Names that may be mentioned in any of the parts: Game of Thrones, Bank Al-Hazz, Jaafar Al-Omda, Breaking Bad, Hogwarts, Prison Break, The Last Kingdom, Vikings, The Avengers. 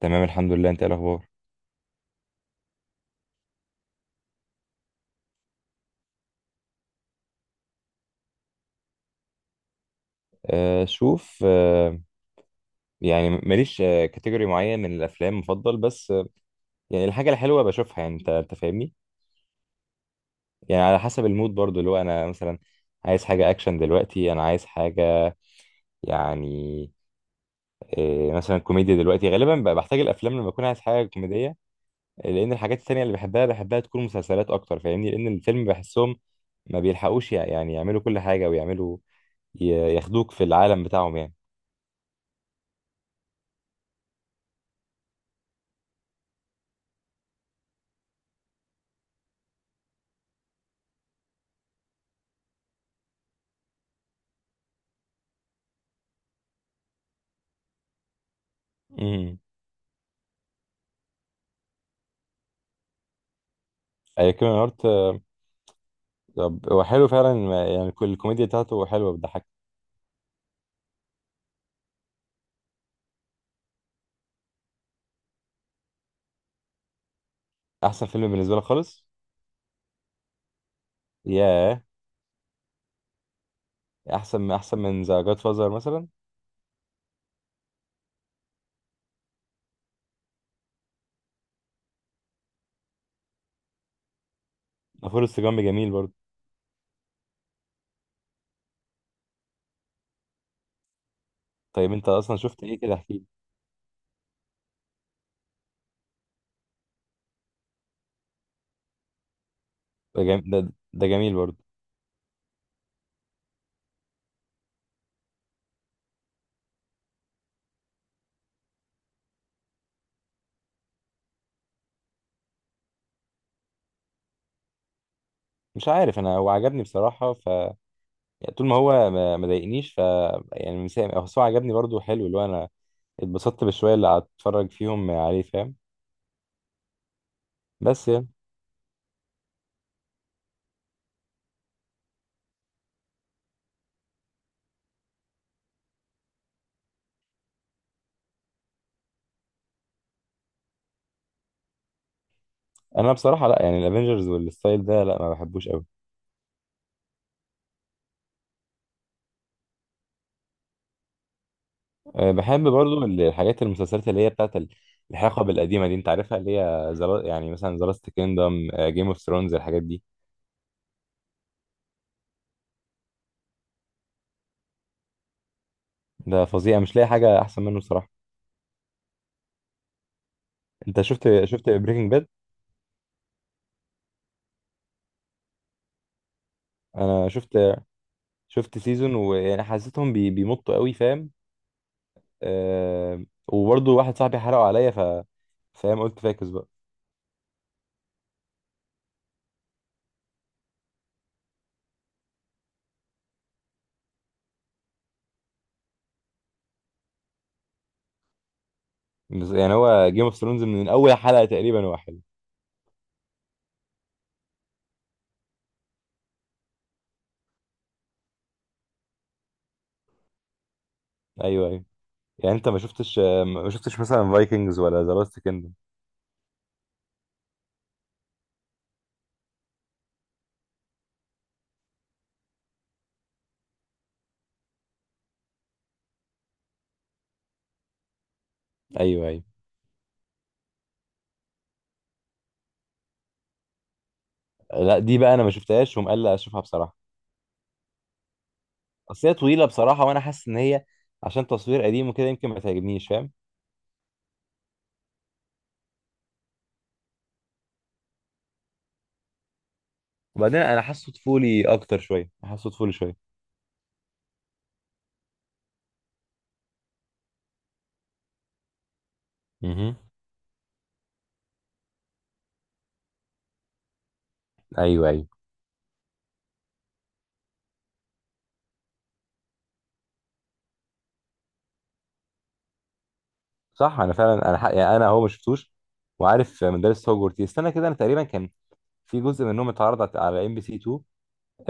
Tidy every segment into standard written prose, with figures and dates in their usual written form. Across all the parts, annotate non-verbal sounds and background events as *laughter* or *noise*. تمام الحمد لله. انت ايه الاخبار؟ شوف يعني ماليش كاتيجوري معين من الافلام مفضل، بس يعني الحاجه الحلوه بشوفها. يعني انت فاهمني. يعني على حسب المود برضو، اللي هو انا مثلا عايز حاجه اكشن دلوقتي، انا عايز حاجه، يعني مثلا كوميديا. دلوقتي غالبا بحتاج الافلام لما اكون عايز حاجه كوميديه، لان الحاجات التانية اللي بحبها بحبها تكون مسلسلات اكتر. فاهمني، لان الفيلم بحسهم ما بيلحقوش يعني يعملوا كل حاجه، ويعملوا ي- ياخدوك في العالم بتاعهم يعني. امم، اي كيميا. طب هو حلو فعلا. يعني كل الكوميديا بتاعته حلوه، بتضحك. احسن فيلم بالنسبه لي خالص. ياه، احسن من ذا جاد فازر مثلا؟ غفور السجام جميل برضه. طيب انت اصلا شفت ايه كده؟ احكي لي. ده جميل برضه. مش عارف، انا هو عجبني بصراحه. ف يعني طول ما هو ما ضايقنيش، ف يعني مسام، هو عجبني برضه حلو. اللي هو انا اتبسطت بالشويه اللي هتفرج فيهم عليه، فاهم؟ بس يعني انا بصراحه لا، يعني الافينجرز والستايل ده لا، ما بحبوش قوي. أه، بحب برضو الحاجات المسلسلات اللي هي بتاعت الحقب القديمة دي، انت عارفها، اللي هي زلا يعني مثلا ذا لاست كيندم، جيم اوف ثرونز، الحاجات دي. ده فظيع، مش لاقي حاجة احسن منه صراحة. انت شفت بريكنج باد؟ انا شفت، شفت سيزون ويعني حسيتهم بي بيمطوا قوي، فاهم؟ أه وبرضو واحد صاحبي حرقه عليا، ف فاهم، قلت فاكس بقى. بس يعني هو جيم اوف ثرونز من اول حلقة تقريبا هو حلو. ايوه، ايوه. يعني انت ما شفتش، ما شفتش مثلا فايكنجز ولا ذا لاست كيندم؟ ايوه، ايوه. لا دي بقى انا ما شفتهاش، ومقلق اشوفها بصراحه. اصل هي طويله بصراحه، وانا حاسس ان هي عشان تصوير قديم وكده يمكن ما تعجبنيش، فاهم؟ وبعدين انا حاسه طفولي اكتر شويه، حاسه طفولي شويه. امم، ايوه ايوه. صح انا فعلا. يعني انا هو ما شفتوش، وعارف مدرسة هوجورتس. استنى كده، انا تقريبا كان في جزء منهم اتعرض على ام بي سي 2،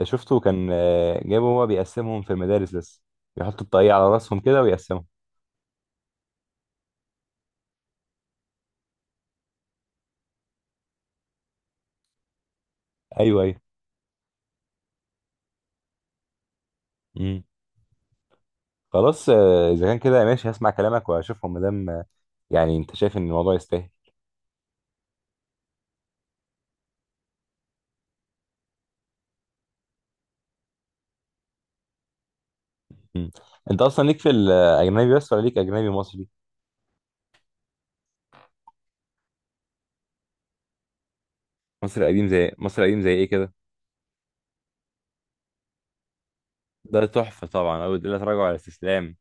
شفته. كان آه، جابوا هو بيقسمهم في المدارس، بس بيحطوا الطاقية على راسهم كده ويقسمهم. ايوه، ايوه. خلاص آه، اذا كان كده ماشي، هسمع كلامك واشوفهم، مادام آه، يعني انت شايف ان الموضوع يستاهل. مم. انت اصلا ليك في الاجنبي بس ولا ليك اجنبي مصري؟ مصري قديم زي، مصري قديم زي ايه كده؟ ده تحفه طبعا، او لا تراجع على الاستسلام.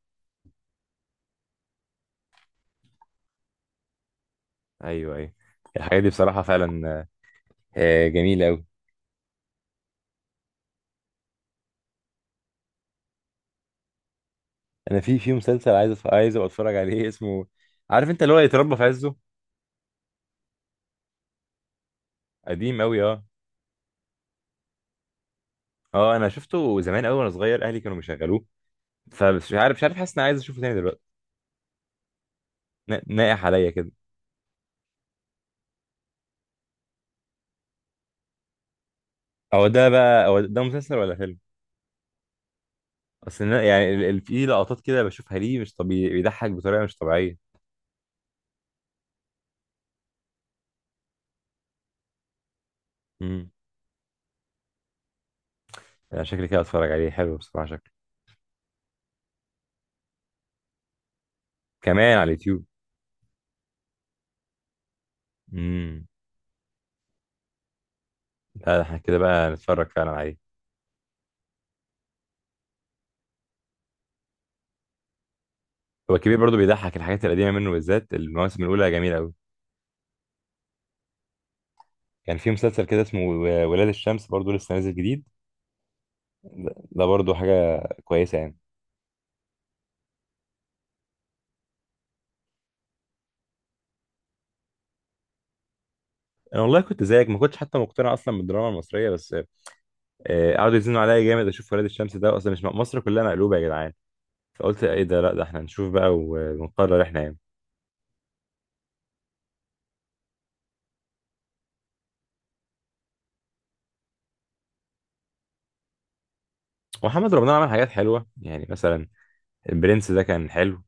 ايوه، ايوه. الحاجات دي بصراحه فعلا آه، جميله قوي. انا في في مسلسل عايز عايز ابقى اتفرج عليه *laughs* اسمه، عارف انت اللي هو يتربى في عزه؟ قديم قوي اه. اه انا شفته زمان قوي وانا صغير، اهلي كانوا بيشغلوه. فمش عارف، مش عارف، حاسس اني عايز اشوفه تاني دلوقتي. ناقح عليا كده. هو ده بقى، هو ده مسلسل ولا فيلم؟ يعني في لقطات كده بشوفها، ليه مش طبيعي؟ بيضحك بطريقه مش طبيعيه. امم، يعني شكلي كده اتفرج عليه، حلو بصراحه شكله. كمان على اليوتيوب؟ امم. لا ده احنا كده بقى نتفرج فعلا عليه. هو الكبير برضو بيضحك، الحاجات القديمه منه بالذات المواسم الاولى جميله قوي. كان في مسلسل كده اسمه ولاد الشمس، برضو لسه نازل جديد. ده ده برضو حاجه كويسه يعني. انا والله كنت زيك، ما كنتش حتى مقتنع اصلا بالدراما المصريه، بس آه، قعدوا يزنوا عليا جامد اشوف ولاد الشمس، ده اصلا مش مصر كلها مقلوبه يا جدعان. فقلت ايه ده؟ لا ده احنا نشوف بقى ونقرر احنا يعني. ومحمد رمضان عمل حاجات حلوه، يعني مثلا البرنس ده كان حلو.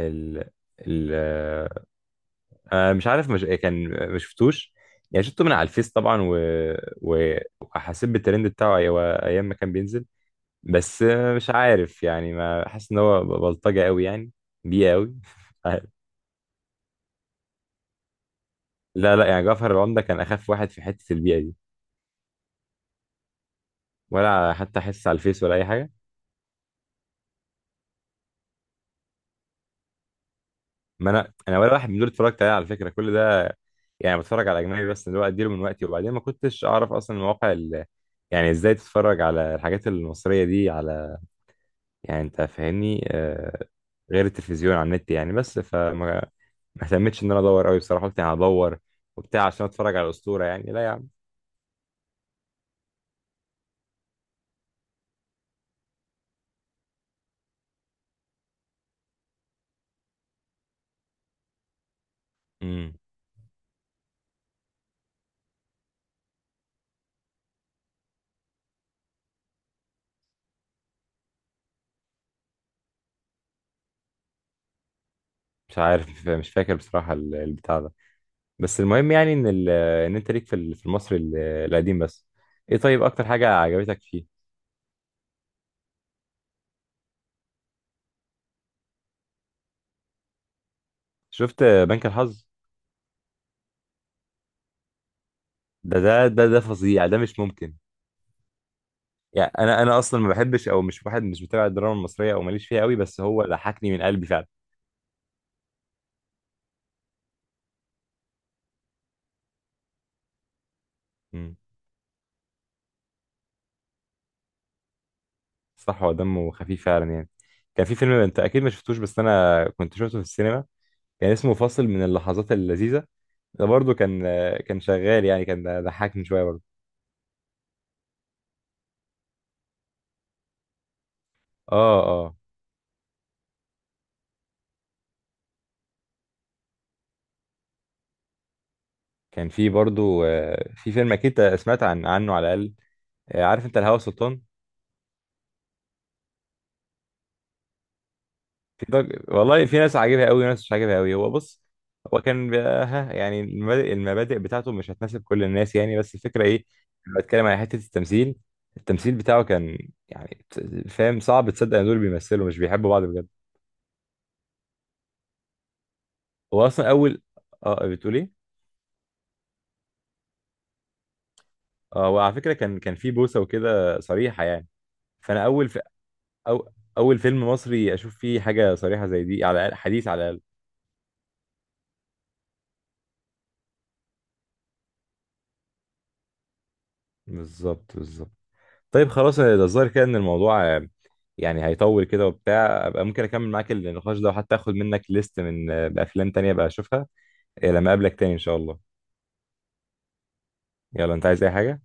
ال ال آه مش عارف، مش كان ما شفتوش. يعني شفته من على الفيس طبعا و... وحسيت بالترند بتاعه. ايام ما كان بينزل، بس آه، مش عارف يعني، ما حاسس ان هو بلطجه قوي يعني، بيئه قوي *laughs* مش عارف. لا لا يعني جعفر العمدة كان اخف واحد في حته البيئه دي. ولا حتى حس على الفيس ولا اي حاجه. ما انا انا ولا واحد من دول اتفرجت عليه على فكره كل ده. يعني بتفرج على اجنبي بس، اللي هو اديله من وقتي. وبعدين ما كنتش اعرف اصلا المواقع ال... يعني ازاي تتفرج على الحاجات المصريه دي على، يعني انت فاهمني آه... غير التلفزيون على النت يعني، بس فما ما اهتمتش ان انا ادور قوي بصراحه. قلت يعني هدور وبتاع عشان اتفرج على الاسطوره؟ يعني لا يا عم. امم، مش عارف، مش فاكر بصراحه البتاع ده. بس المهم يعني ان ال... ان انت ليك في ال، في المصري القديم بس. ايه طيب اكتر حاجه عجبتك فيه؟ شفت بنك الحظ؟ ده فظيع، ده مش ممكن. يعني انا اصلا ما بحبش او مش واحد، مش متابع الدراما المصريه او ماليش فيها قوي، بس هو ضحكني من قلبي فعلا. مم. صح هو دمه خفيف فعلا يعني. كان في فيلم انت اكيد ما شفتوش، بس انا كنت شفته في السينما، كان اسمه فاصل من اللحظات اللذيذه. ده برضو كان، كان شغال يعني، كان ضحكني شويه برضو. اه اه. كان في برضو آه، في فيلم اكيد سمعت عنه على الاقل، آه، عارف انت الهوى سلطان؟ في ضج... والله في ناس عاجبها قوي وناس مش عاجبها قوي. هو بص، هو كان بي- ها يعني المبادئ بتاعته مش هتناسب كل الناس يعني. بس الفكرة ايه؟ لما بتكلم على حتة التمثيل، التمثيل بتاعه كان يعني، فاهم؟ صعب تصدق ان دول بيمثلوا مش بيحبوا بعض بجد. هو اصلا اول، اه بتقول ايه؟ اه وعلى فكرة كان، كان في بوسة وكده صريحة يعني. فانا اول في... أو... اول فيلم مصري اشوف فيه حاجة صريحة زي دي، على حديث على الاقل. بالظبط، بالظبط. طيب خلاص، ده الظاهر كده ان الموضوع آه، يعني هيطول كده. وبتاع ابقى ممكن اكمل معاك النقاش ده، وحتى اخد منك ليست من آه، بافلام تانية بقى اشوفها آه، لما اقابلك تاني ان شاء الله. يلا، انت عايز اي حاجة؟